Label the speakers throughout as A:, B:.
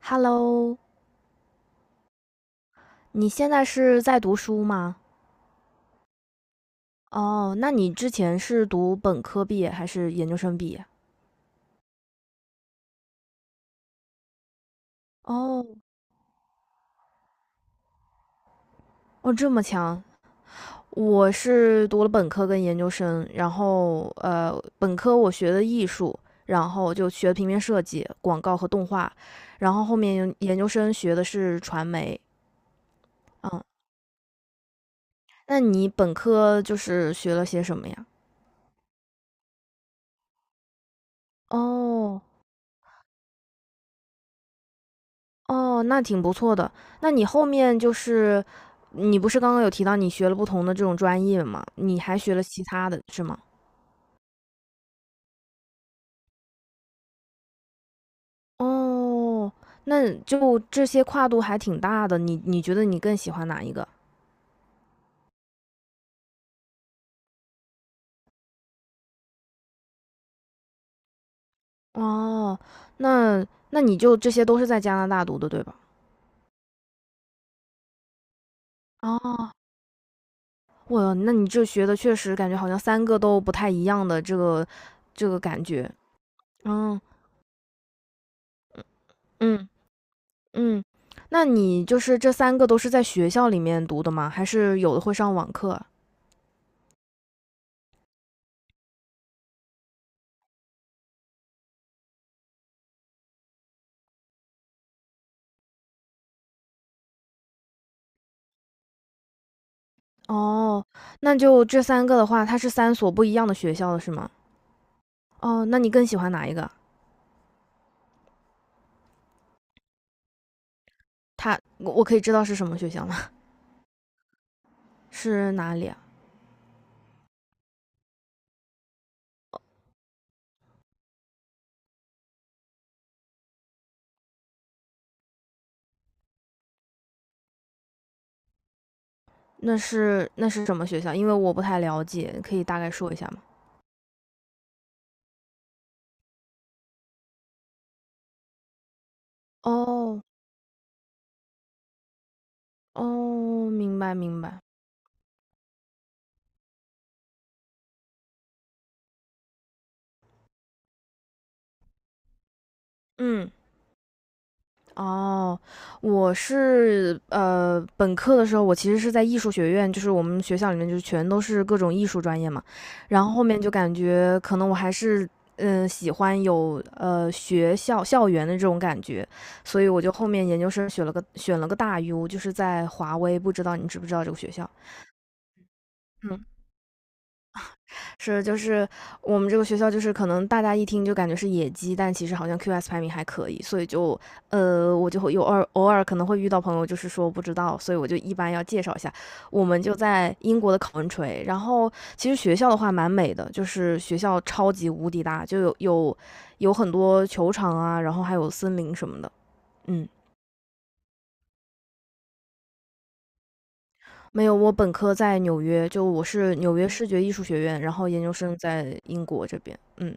A: Hello，你现在是在读书吗？哦，那你之前是读本科毕业还是研究生毕业？哦，哦，这么强！我是读了本科跟研究生，然后本科我学的艺术，然后就学平面设计、广告和动画，然后后面研究生学的是传媒。嗯，那你本科就是学了些什么呀？哦，哦，那挺不错的。那你后面就是你不是刚刚有提到你学了不同的这种专业吗？你还学了其他的是吗？哦，那就这些跨度还挺大的，你觉得你更喜欢哪一个？哦，那那你就这些都是在加拿大读的，对吧？哦，哇，那你这学的确实感觉好像三个都不太一样的这个感觉。嗯嗯。嗯，那你就是这三个都是在学校里面读的吗？还是有的会上网课啊？哦，那就这三个的话，它是三所不一样的学校了，是吗？哦，那你更喜欢哪一个？我可以知道是什么学校吗？是哪里啊？哦，那是什么学校？因为我不太了解，可以大概说一下吗？哦，哦，明白明白，嗯。哦，我是本科的时候我其实是在艺术学院，就是我们学校里面就是全都是各种艺术专业嘛，然后后面就感觉可能我还是喜欢有学校校园的这种感觉，所以我就后面研究生选了个大 U，就是在华威，不知道你知不知道这个学校？是，就是我们这个学校，就是可能大家一听就感觉是野鸡，但其实好像 QS 排名还可以，所以就，我就会有偶尔可能会遇到朋友，就是说不知道，所以我就一般要介绍一下。我们就在英国的考文垂，然后其实学校的话蛮美的，就是学校超级无敌大，就有很多球场啊，然后还有森林什么的，嗯。没有，我本科在纽约，就我是纽约视觉艺术学院，然后研究生在英国这边，嗯。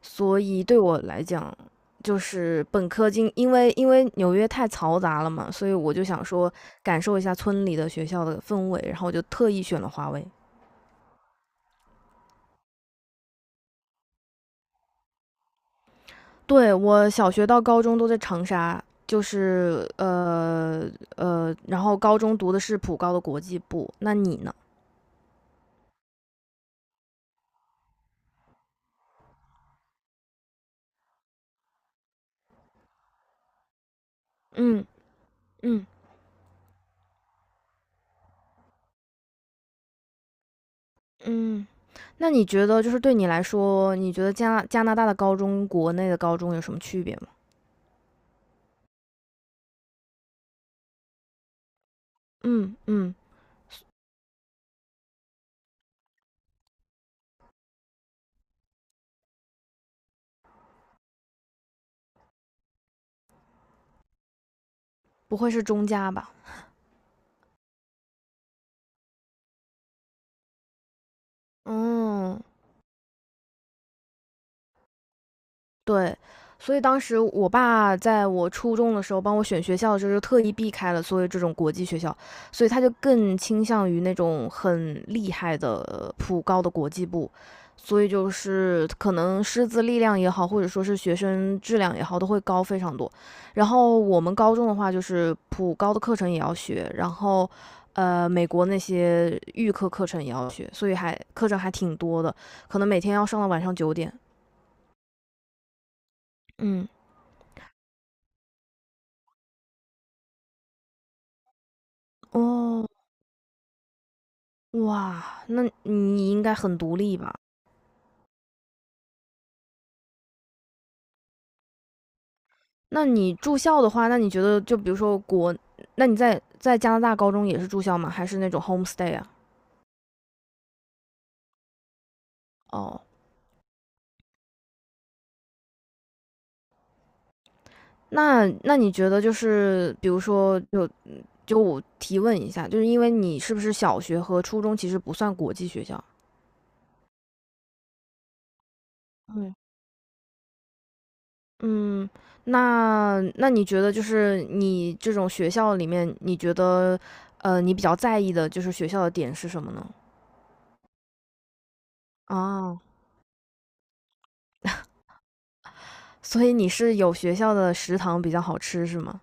A: 所以对我来讲，就是本科经，因为纽约太嘈杂了嘛，所以我就想说感受一下村里的学校的氛围，然后我就特意选了华为。对我小学到高中都在长沙，就是然后高中读的是普高的国际部。那你呢？嗯嗯嗯，那你觉得就是对你来说，你觉得加拿大的高中、国内的高中有什么区别吗？嗯嗯，不会是中加吧？嗯，对，所以当时我爸在我初中的时候帮我选学校的时候，就特意避开了所有这种国际学校，所以他就更倾向于那种很厉害的普高的国际部，所以就是可能师资力量也好，或者说是学生质量也好，都会高非常多。然后我们高中的话，就是普高的课程也要学，然后美国那些预科课程也要学，所以还课程还挺多的，可能每天要上到晚上9点。嗯，哦，哇，那你应该很独立吧？那你住校的话，那你觉得就比如说那你在加拿大高中也是住校吗？还是那种 homestay 啊？哦，那你觉得就是比如说，就我提问一下，就是因为你是不是小学和初中其实不算国际学校？嗯，嗯，那你觉得就是你这种学校里面，你觉得你比较在意的就是学校的点是什么呢？啊，所以你是有学校的食堂比较好吃是吗？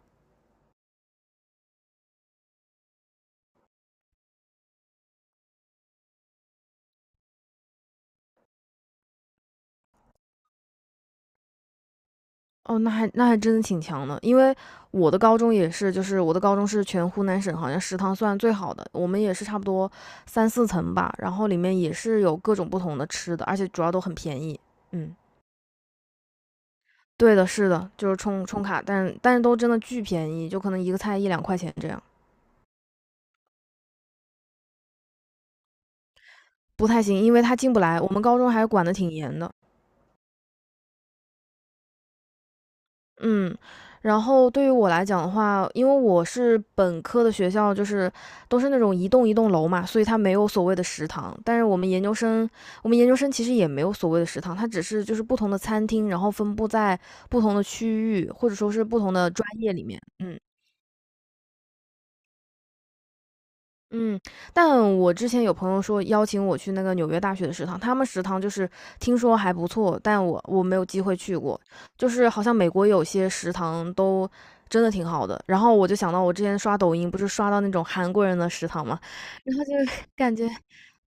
A: 哦，那还真的挺强的，因为我的高中也是，就是我的高中是全湖南省好像食堂算最好的，我们也是差不多三四层吧，然后里面也是有各种不同的吃的，而且主要都很便宜。嗯，对的，是的，就是充充卡，但是都真的巨便宜，就可能一个菜一两块钱这样，不太行，因为他进不来，我们高中还管得挺严的。嗯，然后对于我来讲的话，因为我是本科的学校，就是都是那种一栋一栋楼嘛，所以它没有所谓的食堂。但是我们研究生其实也没有所谓的食堂，它只是就是不同的餐厅，然后分布在不同的区域，或者说是不同的专业里面。嗯。嗯，但我之前有朋友说邀请我去那个纽约大学的食堂，他们食堂就是听说还不错，但我没有机会去过，就是好像美国有些食堂都真的挺好的。然后我就想到我之前刷抖音，不是刷到那种韩国人的食堂嘛，然后就 感觉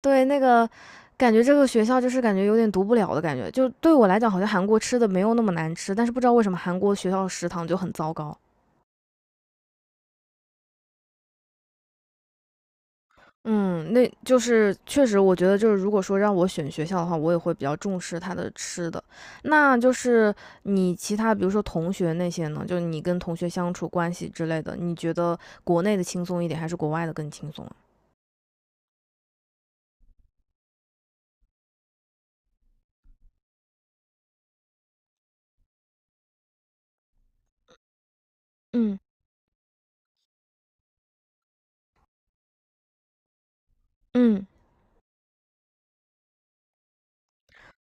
A: 对那个感觉这个学校就是感觉有点读不了的感觉，就对我来讲好像韩国吃的没有那么难吃，但是不知道为什么韩国学校食堂就很糟糕。嗯，那就是确实，我觉得就是如果说让我选学校的话，我也会比较重视它的吃的。那就是你其他比如说同学那些呢，就是你跟同学相处关系之类的，你觉得国内的轻松一点，还是国外的更轻松啊？嗯。嗯，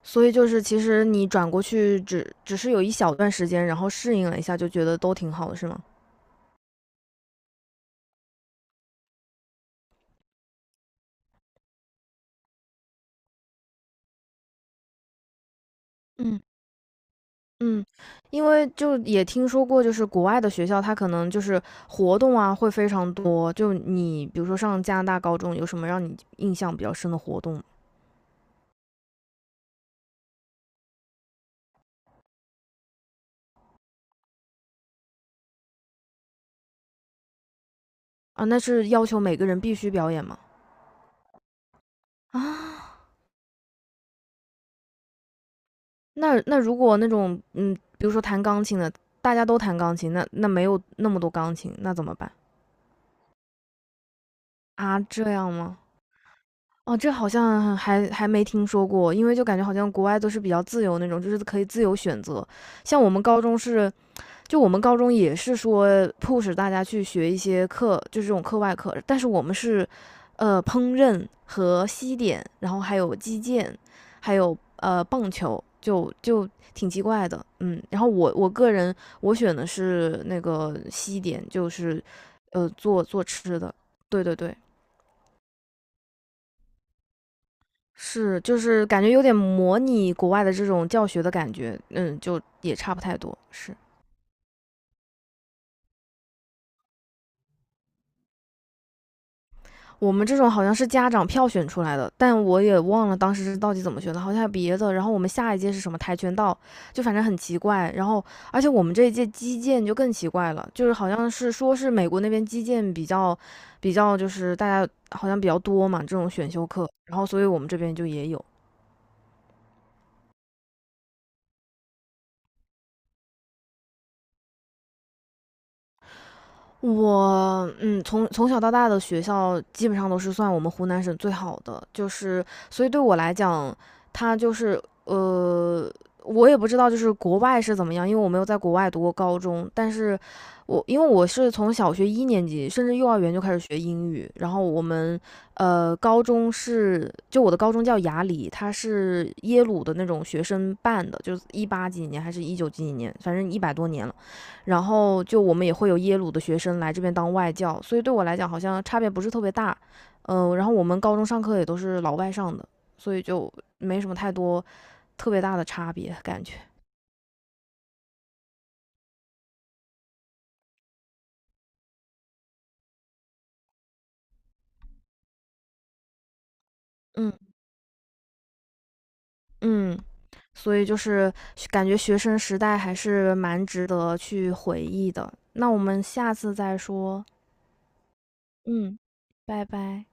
A: 所以就是其实你转过去只是有一小段时间，然后适应了一下，就觉得都挺好的，是吗？嗯。嗯，因为就也听说过，就是国外的学校，它可能就是活动啊会非常多。就你比如说上加拿大高中，有什么让你印象比较深的活动吗啊？那是要求每个人必须表演吗？啊，那如果那种比如说弹钢琴的，大家都弹钢琴，那没有那么多钢琴，那怎么办啊？这样吗？哦，这好像还没听说过，因为就感觉好像国外都是比较自由那种，就是可以自由选择。像我们高中是就我们高中也是说 p 使大家去学一些课，就是这种课外课，但是我们是，烹饪和西点，然后还有击剑，还有棒球，就挺奇怪的，嗯。然后我我个人我选的是那个西点，就是做做吃的，对对对，是就是感觉有点模拟国外的这种教学的感觉，嗯，就也差不太多，是。我们这种好像是家长票选出来的，但我也忘了当时是到底怎么选的，好像还有别的。然后我们下一届是什么跆拳道，就反正很奇怪。然后，而且我们这一届击剑就更奇怪了，就是好像是说是美国那边击剑比较就是大家好像比较多嘛这种选修课，然后所以我们这边就也有。从小到大的学校基本上都是算我们湖南省最好的，就是所以对我来讲，它就是我也不知道就是国外是怎么样，因为我没有在国外读过高中，但是因为我是从小学一年级甚至幼儿园就开始学英语，然后我的高中叫雅礼，它是耶鲁的那种学生办的，就是一八几几年还是一九几几年，反正100多年了。然后就我们也会有耶鲁的学生来这边当外教，所以对我来讲好像差别不是特别大。然后我们高中上课也都是老外上的，所以就没什么太多特别大的差别感觉。嗯嗯，所以就是感觉学生时代还是蛮值得去回忆的。那我们下次再说。嗯，拜拜。